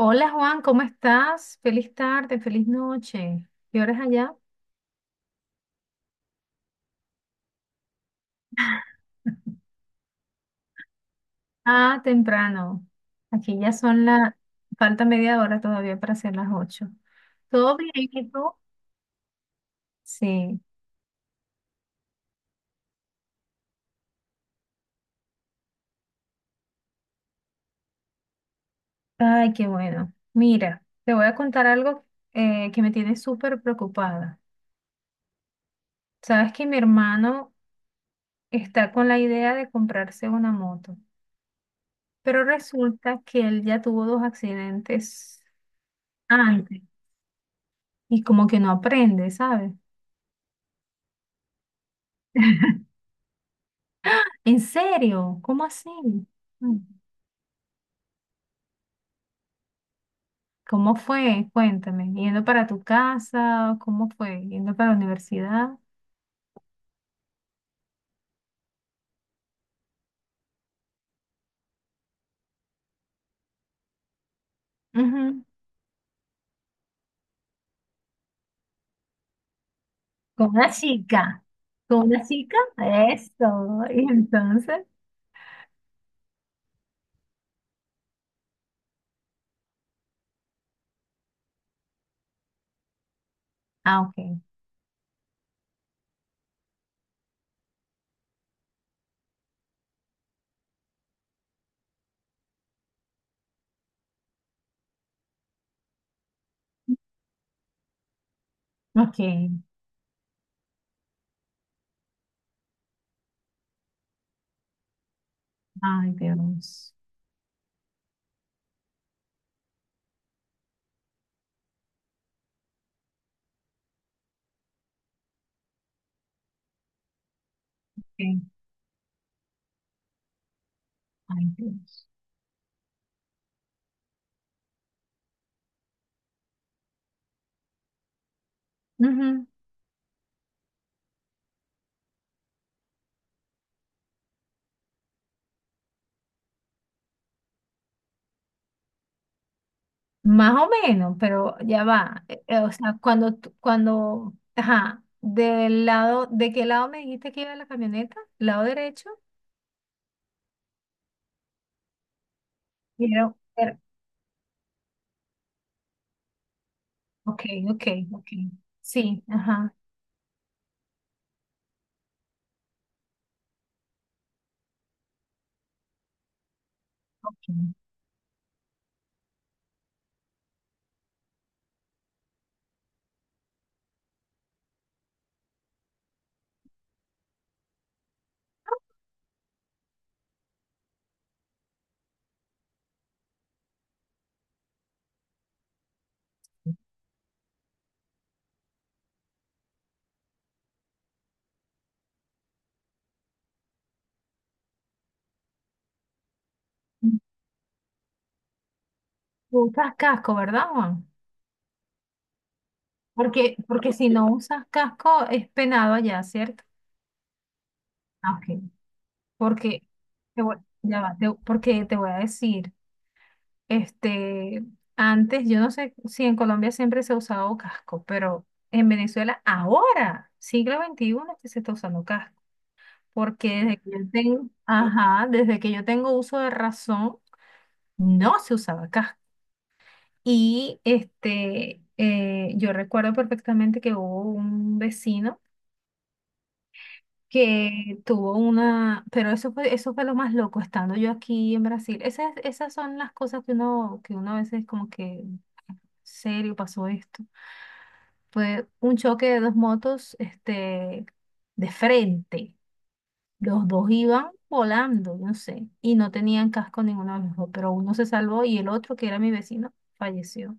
Hola Juan, ¿cómo estás? Feliz tarde, feliz noche. ¿Qué horas allá? Ah, temprano. Aquí ya son la. Falta media hora todavía para hacer las 8. ¿Todo bien? ¿Y tú? Sí. Ay, qué bueno. Mira, te voy a contar algo que me tiene súper preocupada. Sabes que mi hermano está con la idea de comprarse una moto, pero resulta que él ya tuvo dos accidentes antes y como que no aprende, ¿sabes? ¿En serio? ¿Cómo así? Mm. ¿Cómo fue? Cuéntame. ¿Yendo para tu casa? ¿Cómo fue? ¿Yendo para la universidad? Ujú. Con una chica. ¿Con una chica? Eso. Y entonces. Ah, ok. Ok. Ay, Dios. Ok. Ay, Dios. Ujú. Más o menos, pero ya va. O sea, cuando, cuando, ajá, del lado, ¿de qué lado me dijiste que iba la camioneta? ¿Lado derecho? Pero, ok, ok, ok. Sí, ajá. Okay. Tú usas casco, ¿verdad, Juan? Porque si no usas casco es penado allá, ¿cierto? Ah, ok. Porque te voy, ya va, porque te voy a decir, este, antes, yo no sé si en Colombia siempre se ha usado casco, pero en Venezuela ahora, siglo XXI es que se está usando casco. Porque desde que yo tengo, ajá, desde que yo tengo uso de razón, no se usaba casco. Y yo recuerdo perfectamente que hubo un vecino que tuvo una, pero eso fue lo más loco, estando yo aquí en Brasil. Esas son las cosas que uno a veces como que, serio, pasó esto. Fue un choque de dos motos, de frente. Los dos iban volando, no sé, y no tenían casco ninguno de los dos, pero uno se salvó y el otro, que era mi vecino, falleció.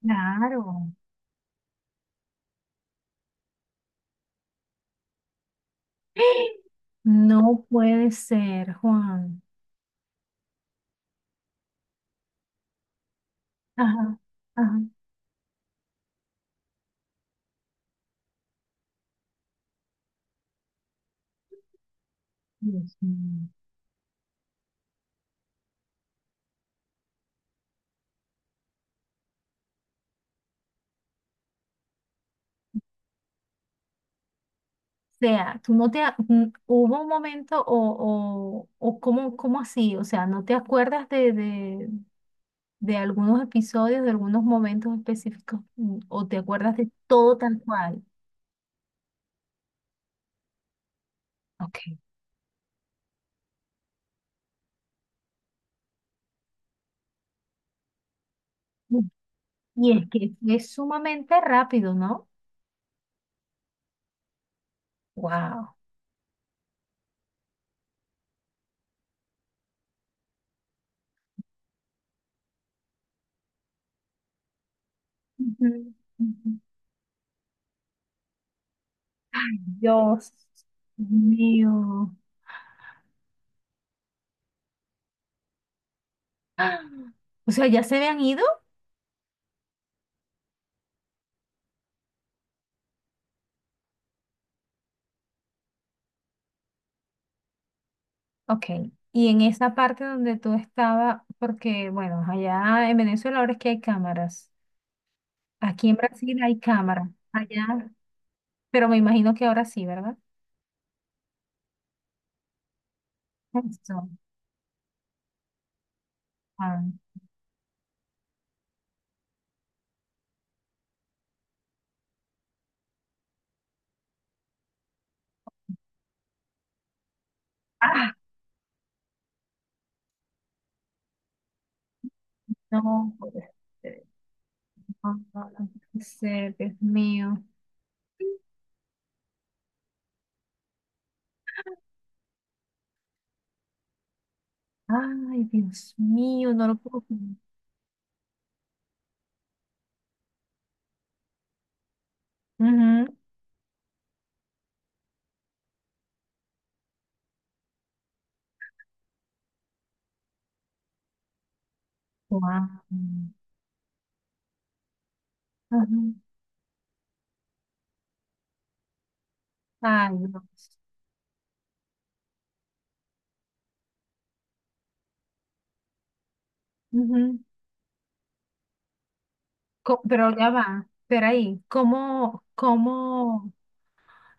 Claro. No puede ser, Juan. Ajá, ajá. Dios mío. O sea, tú no te... a- n- ¿Hubo un momento o cómo así? O sea, ¿no te acuerdas de algunos episodios, de algunos momentos específicos? ¿O te acuerdas de todo tal cual? Ok. Mm. Y es que es sumamente rápido, ¿no? Wow. Ujú, ujú. Ay, Dios mío. O sea, ¿ya se habían ido? Ok, y en esa parte donde tú estabas, porque bueno, allá en Venezuela ahora es que hay cámaras, aquí en Brasil hay cámaras, allá, pero me imagino que ahora sí, ¿verdad? Eso. Ah, ah, no, puede ser, no, no, no puede ser, Dios mío. Ay, Dios mío, no lo puedo creer. Ujú. Guau. Ujú. Ay, Dios. Ujú. Pero ya va, espera ahí, ¿cómo?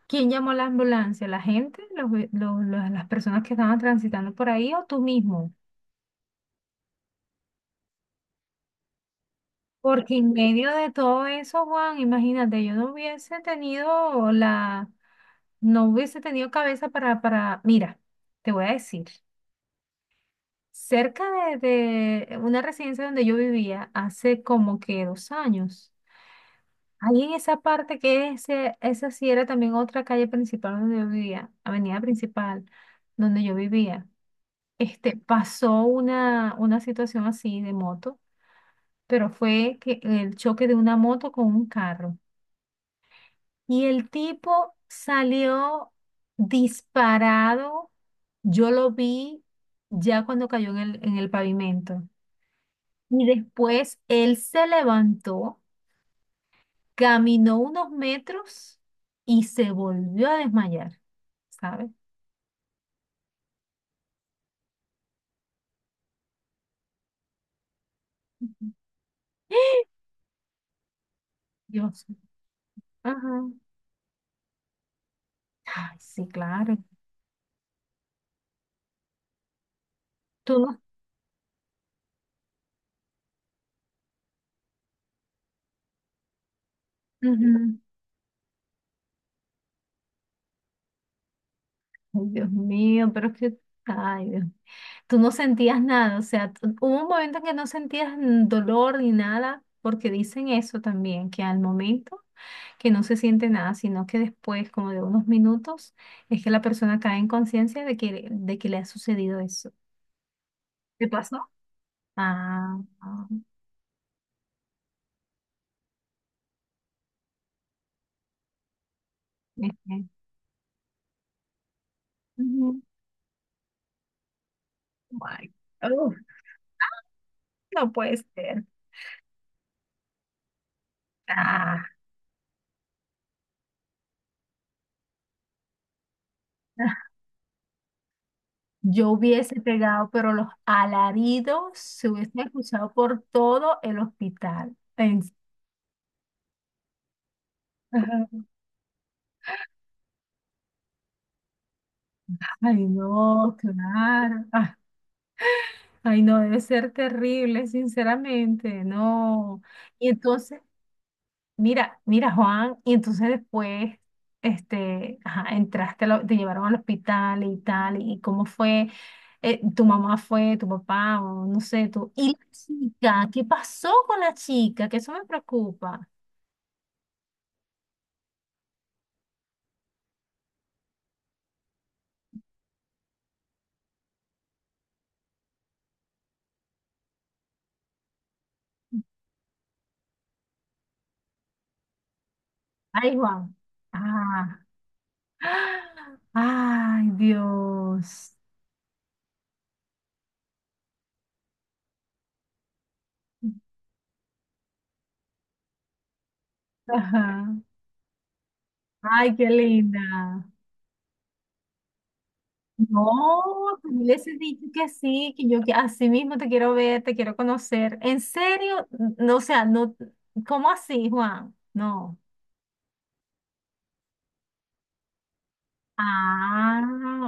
¿Quién llamó la ambulancia? ¿La gente? ¿Los las personas que estaban transitando por ahí o tú mismo? Porque en medio de todo eso, Juan, imagínate, yo no hubiese tenido no hubiese tenido cabeza para, mira, te voy a decir, cerca de, de una residencia donde yo vivía hace como que 2 años, ahí en esa parte que esa sí era también otra calle principal donde yo vivía, avenida principal donde yo vivía. Pasó una situación así de moto, pero fue que el choque de una moto con un carro. Y el tipo salió disparado. Yo lo vi ya cuando cayó en el pavimento. Y después él se levantó, caminó unos metros y se volvió a desmayar, ¿sabes? Ujú. Dios. Ajá. Ay, sí, claro. Tú no. Ay, Dios mío, pero es que, ay, Dios, tú no sentías nada, o sea, hubo un momento en que no sentías dolor ni nada, porque dicen eso también, que al momento que no se siente nada, sino que después, como de unos minutos, es que la persona cae en conciencia de que le ha sucedido eso. ¿Qué pasó? Ah, ah, ok. Ujú. My- Uf, no puede ser. Ah. Yo hubiese pegado, pero los alaridos se hubiesen escuchado por todo el hospital. Ajá. Ay, no, claro. Ah, ay, no, debe ser terrible, sinceramente, no. Y entonces, mira, mira, Juan, y entonces después, ajá, entraste, te llevaron al hospital y tal, y cómo fue, tu mamá fue, tu papá, o no sé, tú. ¿Y la chica? ¿Qué pasó con la chica? Que eso me preocupa. Ay, Juan. Ah. Ay, Dios. Ajá. Ay, qué linda. No, tú les he dicho que sí, que yo que así mismo te quiero ver, te quiero conocer. ¿En serio? No, o sea, no, ¿cómo así, Juan? No. Ah,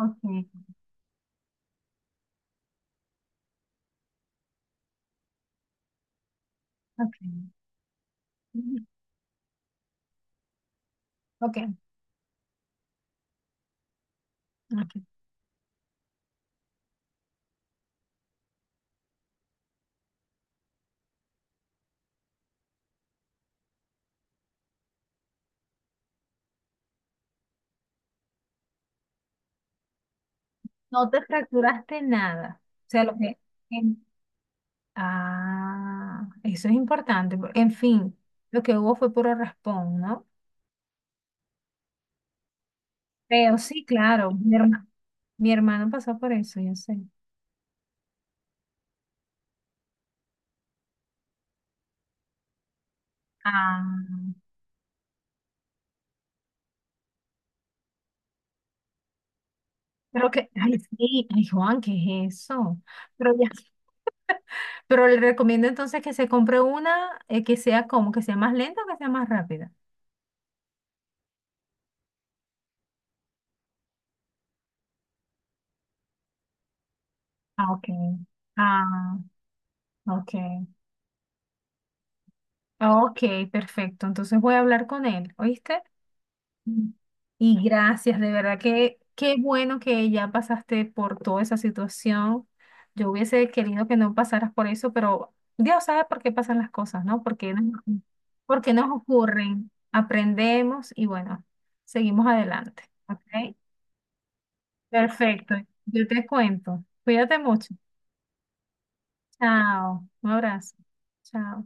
ok, ok. Ujú. Ok, ok. No te fracturaste nada. O sea, lo que, ah, eso es importante. En fin, lo que hubo fue puro raspón, ¿no? Pero sí, claro, mi hermano pasó por eso, yo sé. Ah, pero que, ay, sí, ay, Juan, ¿qué es eso? Pero ya, pero le recomiendo entonces que se compre una que sea como, que sea más lenta o que sea más rápida. Ah, ok. Ah, ok. Ah, ok, perfecto. Entonces voy a hablar con él, ¿oíste? Y gracias, de verdad que qué bueno que ya pasaste por toda esa situación. Yo hubiese querido que no pasaras por eso, pero Dios sabe por qué pasan las cosas, ¿no? Porque nos, por qué nos ocurren. Aprendemos y bueno, seguimos adelante, ¿ok? Perfecto. Yo te cuento. Cuídate mucho. Chao. Un abrazo. Chao.